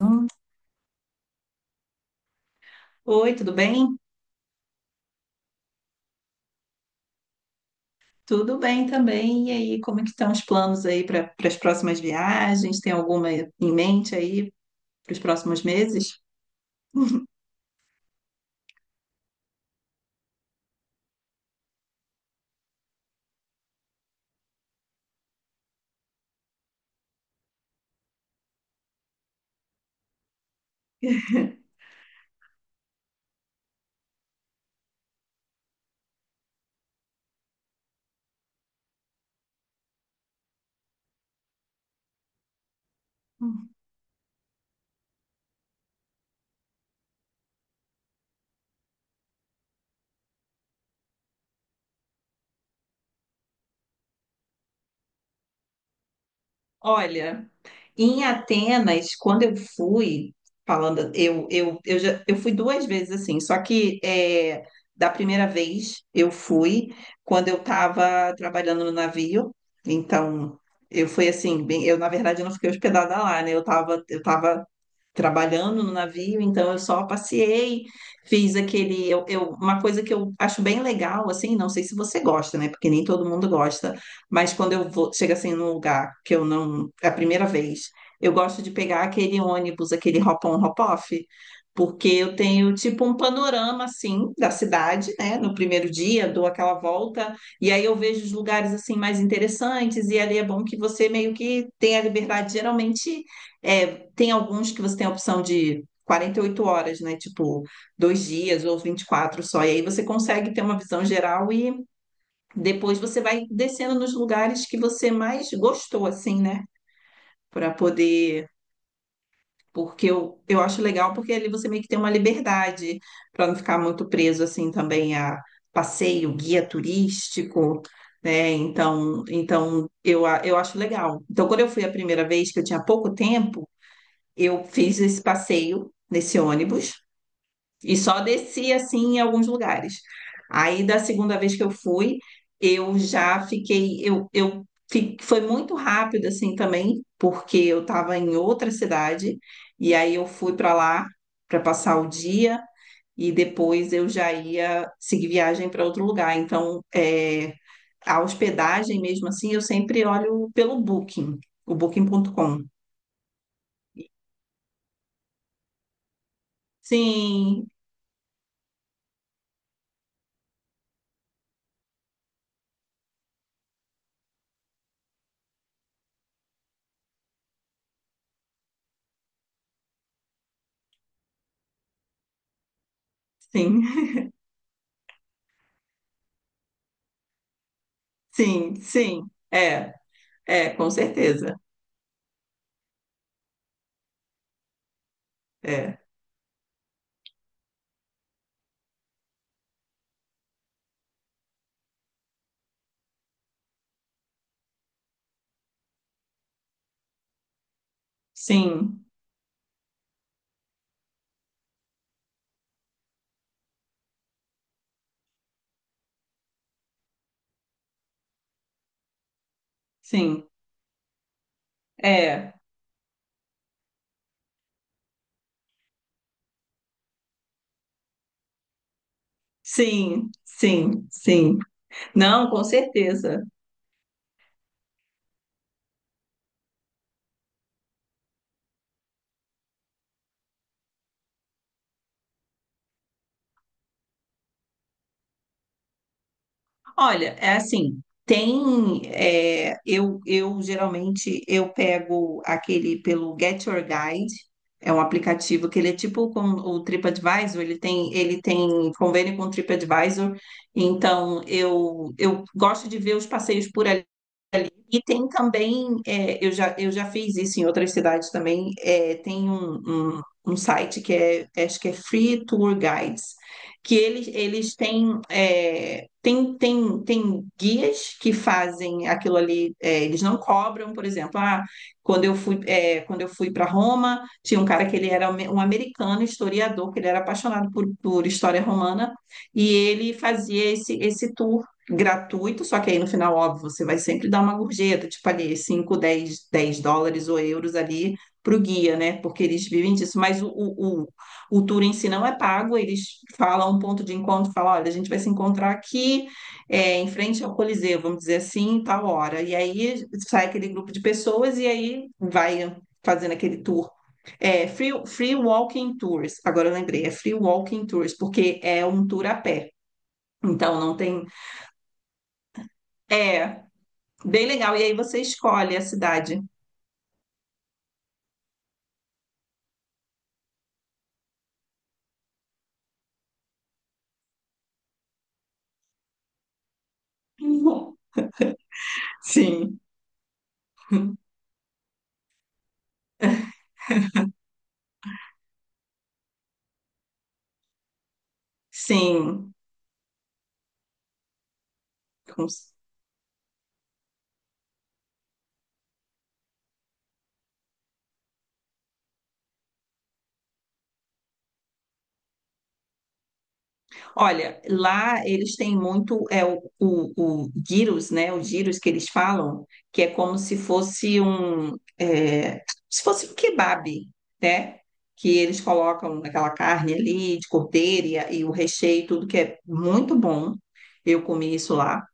Hum, Oi, tudo bem? Tudo bem também. E aí, como é que estão os planos aí para as próximas viagens? Tem alguma em mente aí para os próximos meses? Hum. Olha, em Atenas, quando eu fui, falando, eu fui duas vezes assim, só que é, da primeira vez eu fui quando eu estava trabalhando no navio, então eu fui assim, bem, eu na verdade eu não fiquei hospedada lá, né? Eu estava trabalhando no navio, então eu só passeei, fiz aquele, uma coisa que eu acho bem legal, assim, não sei se você gosta, né? Porque nem todo mundo gosta, mas quando eu vou, chega assim num lugar que eu não, é a primeira vez, eu gosto de pegar aquele ônibus, aquele hop-on, hop-off, porque eu tenho tipo um panorama assim da cidade, né? No primeiro dia, dou aquela volta e aí eu vejo os lugares assim mais interessantes e ali é bom que você meio que tenha liberdade, geralmente é tem alguns que você tem a opção de 48 horas, né? Tipo, 2 dias ou 24 só. E aí você consegue ter uma visão geral e depois você vai descendo nos lugares que você mais gostou, assim, né? Para poder. Porque eu acho legal, porque ali você meio que tem uma liberdade para não ficar muito preso, assim, também a passeio, guia turístico. Né? Então, eu acho legal. Então, quando eu fui a primeira vez, que eu tinha pouco tempo, eu fiz esse passeio nesse ônibus e só desci assim em alguns lugares. Aí da segunda vez que eu fui, eu já fiquei, foi muito rápido assim também, porque eu estava em outra cidade e aí eu fui para lá para passar o dia e depois eu já ia seguir viagem para outro lugar. Então, é, a hospedagem mesmo assim, eu sempre olho pelo Booking, o Booking.com. Sim, sim. Sim, sim, é, com certeza, é, sim, sim, é, sim, sim, sim, não, com certeza. Olha, é assim, tem, é, eu geralmente, eu pego aquele pelo Get Your Guide, é um aplicativo que ele é tipo com o TripAdvisor, ele tem convênio com o TripAdvisor, então eu gosto de ver os passeios por ali. E tem também, é, eu já fiz isso em outras cidades também, é, tem um, um site que é, acho que é Free Tour Guides, que eles têm, é, tem guias que fazem aquilo ali, é, eles não cobram, por exemplo, ah, quando eu fui, é, quando eu fui para Roma, tinha um cara que ele era um americano historiador, que ele era apaixonado por história romana, e ele fazia esse tour gratuito, só que aí no final, óbvio, você vai sempre dar uma gorjeta, tipo ali 5, 10, 10 dólares ou euros ali para o guia, né? Porque eles vivem disso, mas o tour em si não é pago, eles falam um ponto de encontro, falam, olha, a gente vai se encontrar aqui, é, em frente ao Coliseu, vamos dizer assim, tal hora. E aí sai aquele grupo de pessoas e aí vai fazendo aquele tour. É, free Walking Tours, agora eu lembrei, é Free Walking Tours, porque é um tour a pé. Então não tem. É, bem legal. E aí você escolhe a cidade. Uhum. Sim, sim. Com- Olha, lá eles têm muito é o gyros, né? O gyros que eles falam, que é como se fosse se fosse um kebab, né? Que eles colocam aquela carne ali de cordeiro e o recheio, tudo que é muito bom. Eu comi isso lá.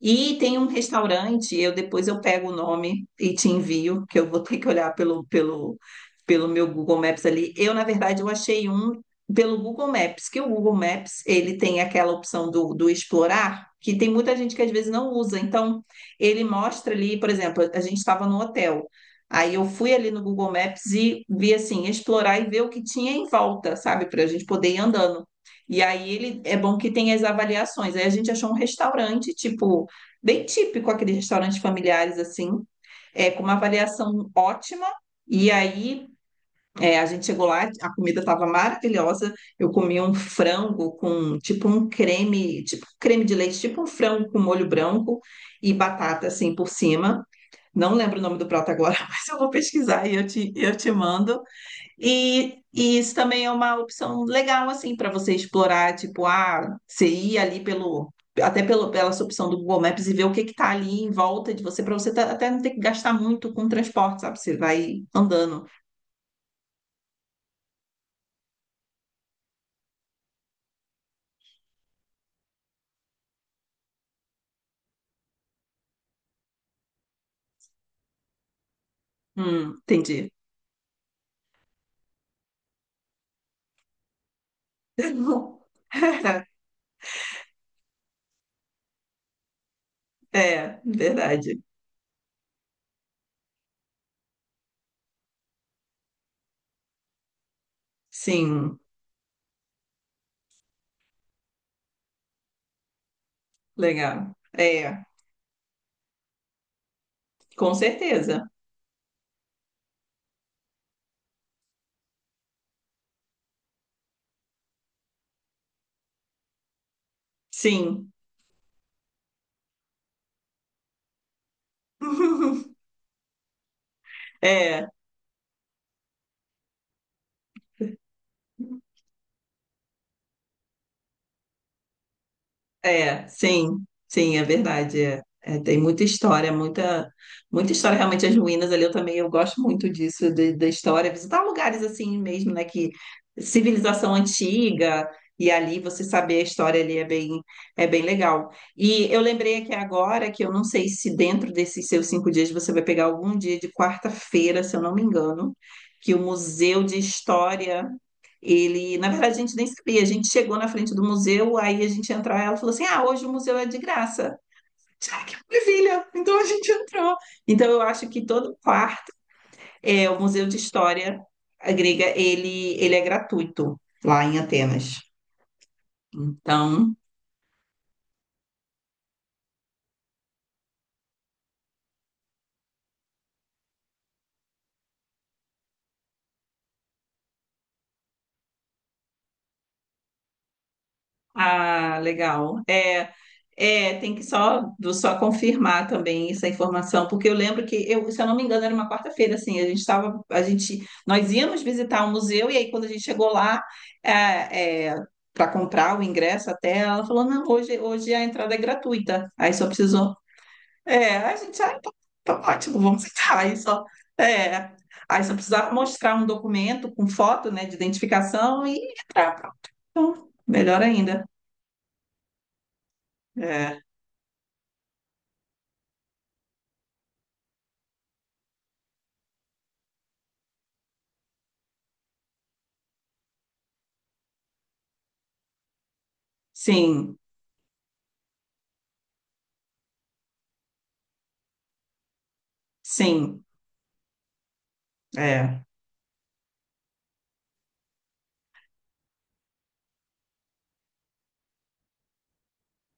E tem um restaurante, eu depois eu pego o nome e te envio, que eu vou ter que olhar pelo meu Google Maps ali. Eu, na verdade, eu achei um pelo Google Maps, que o Google Maps, ele tem aquela opção do explorar, que tem muita gente que às vezes não usa. Então, ele mostra ali, por exemplo, a gente estava no hotel. Aí eu fui ali no Google Maps e vi assim, explorar e ver o que tinha em volta, sabe? Para a gente poder ir andando. E aí ele é bom que tem as avaliações. Aí a gente achou um restaurante, tipo bem típico aqueles restaurantes familiares assim, é, com uma avaliação ótima. E aí é, a gente chegou lá, a comida estava maravilhosa. Eu comi um frango com tipo um creme de leite, tipo um frango com molho branco e batata assim por cima. Não lembro o nome do prato agora, mas eu vou pesquisar e eu te mando. E isso também é uma opção legal, assim, para você explorar, tipo, ah, você ir ali pela sua opção do Google Maps e ver o que que tá ali em volta de você, para você até não ter que gastar muito com transporte, sabe? Você vai andando. Entendi. É, verdade. Sim, legal. É, com certeza. Sim. É. É, sim, sim, é verdade. É. É, tem muita história, muita, muita história. Realmente, as ruínas ali, eu também eu gosto muito disso, da história. Visitar lugares assim mesmo, né? Que civilização antiga, e ali você saber a história ali é é bem legal. E eu lembrei aqui agora que eu não sei se dentro desses seus 5 dias você vai pegar algum dia de quarta-feira, se eu não me engano, que o Museu de História. Ele, na verdade, a gente nem sabia. A gente chegou na frente do museu, aí a gente entrou, ela falou assim: Ah, hoje o museu é de graça. Ah, que maravilha! Então a gente entrou. Então eu acho que todo quarto é o Museu de História Grega, ele é gratuito lá em Atenas. Então, ah, legal. É. É, tem que só, só confirmar também essa informação, porque eu lembro que eu, se eu não me engano, era uma quarta-feira, assim, a gente estava, a gente, nós íamos visitar o museu, e aí quando a gente chegou lá, para comprar o ingresso até, ela falou, não, hoje a entrada é gratuita, aí só precisou, é, a gente, ah, tá tá ótimo, vamos entrar, aí só, é, aí só precisava mostrar um documento com foto, né, de identificação e entrar, pronto. Então, melhor ainda, é, sim, sim. É.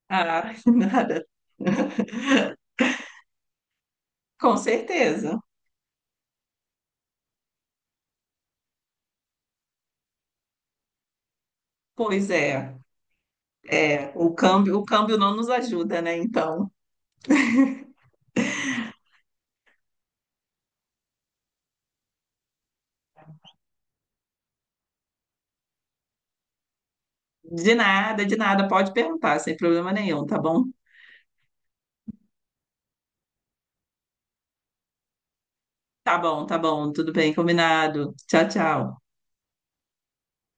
Ah, nada. Com certeza. Pois é. É, o câmbio não nos ajuda, né? Então, de nada, pode perguntar, sem problema nenhum, tá bom? Tá bom, tá bom, tudo bem, combinado. Tchau, tchau.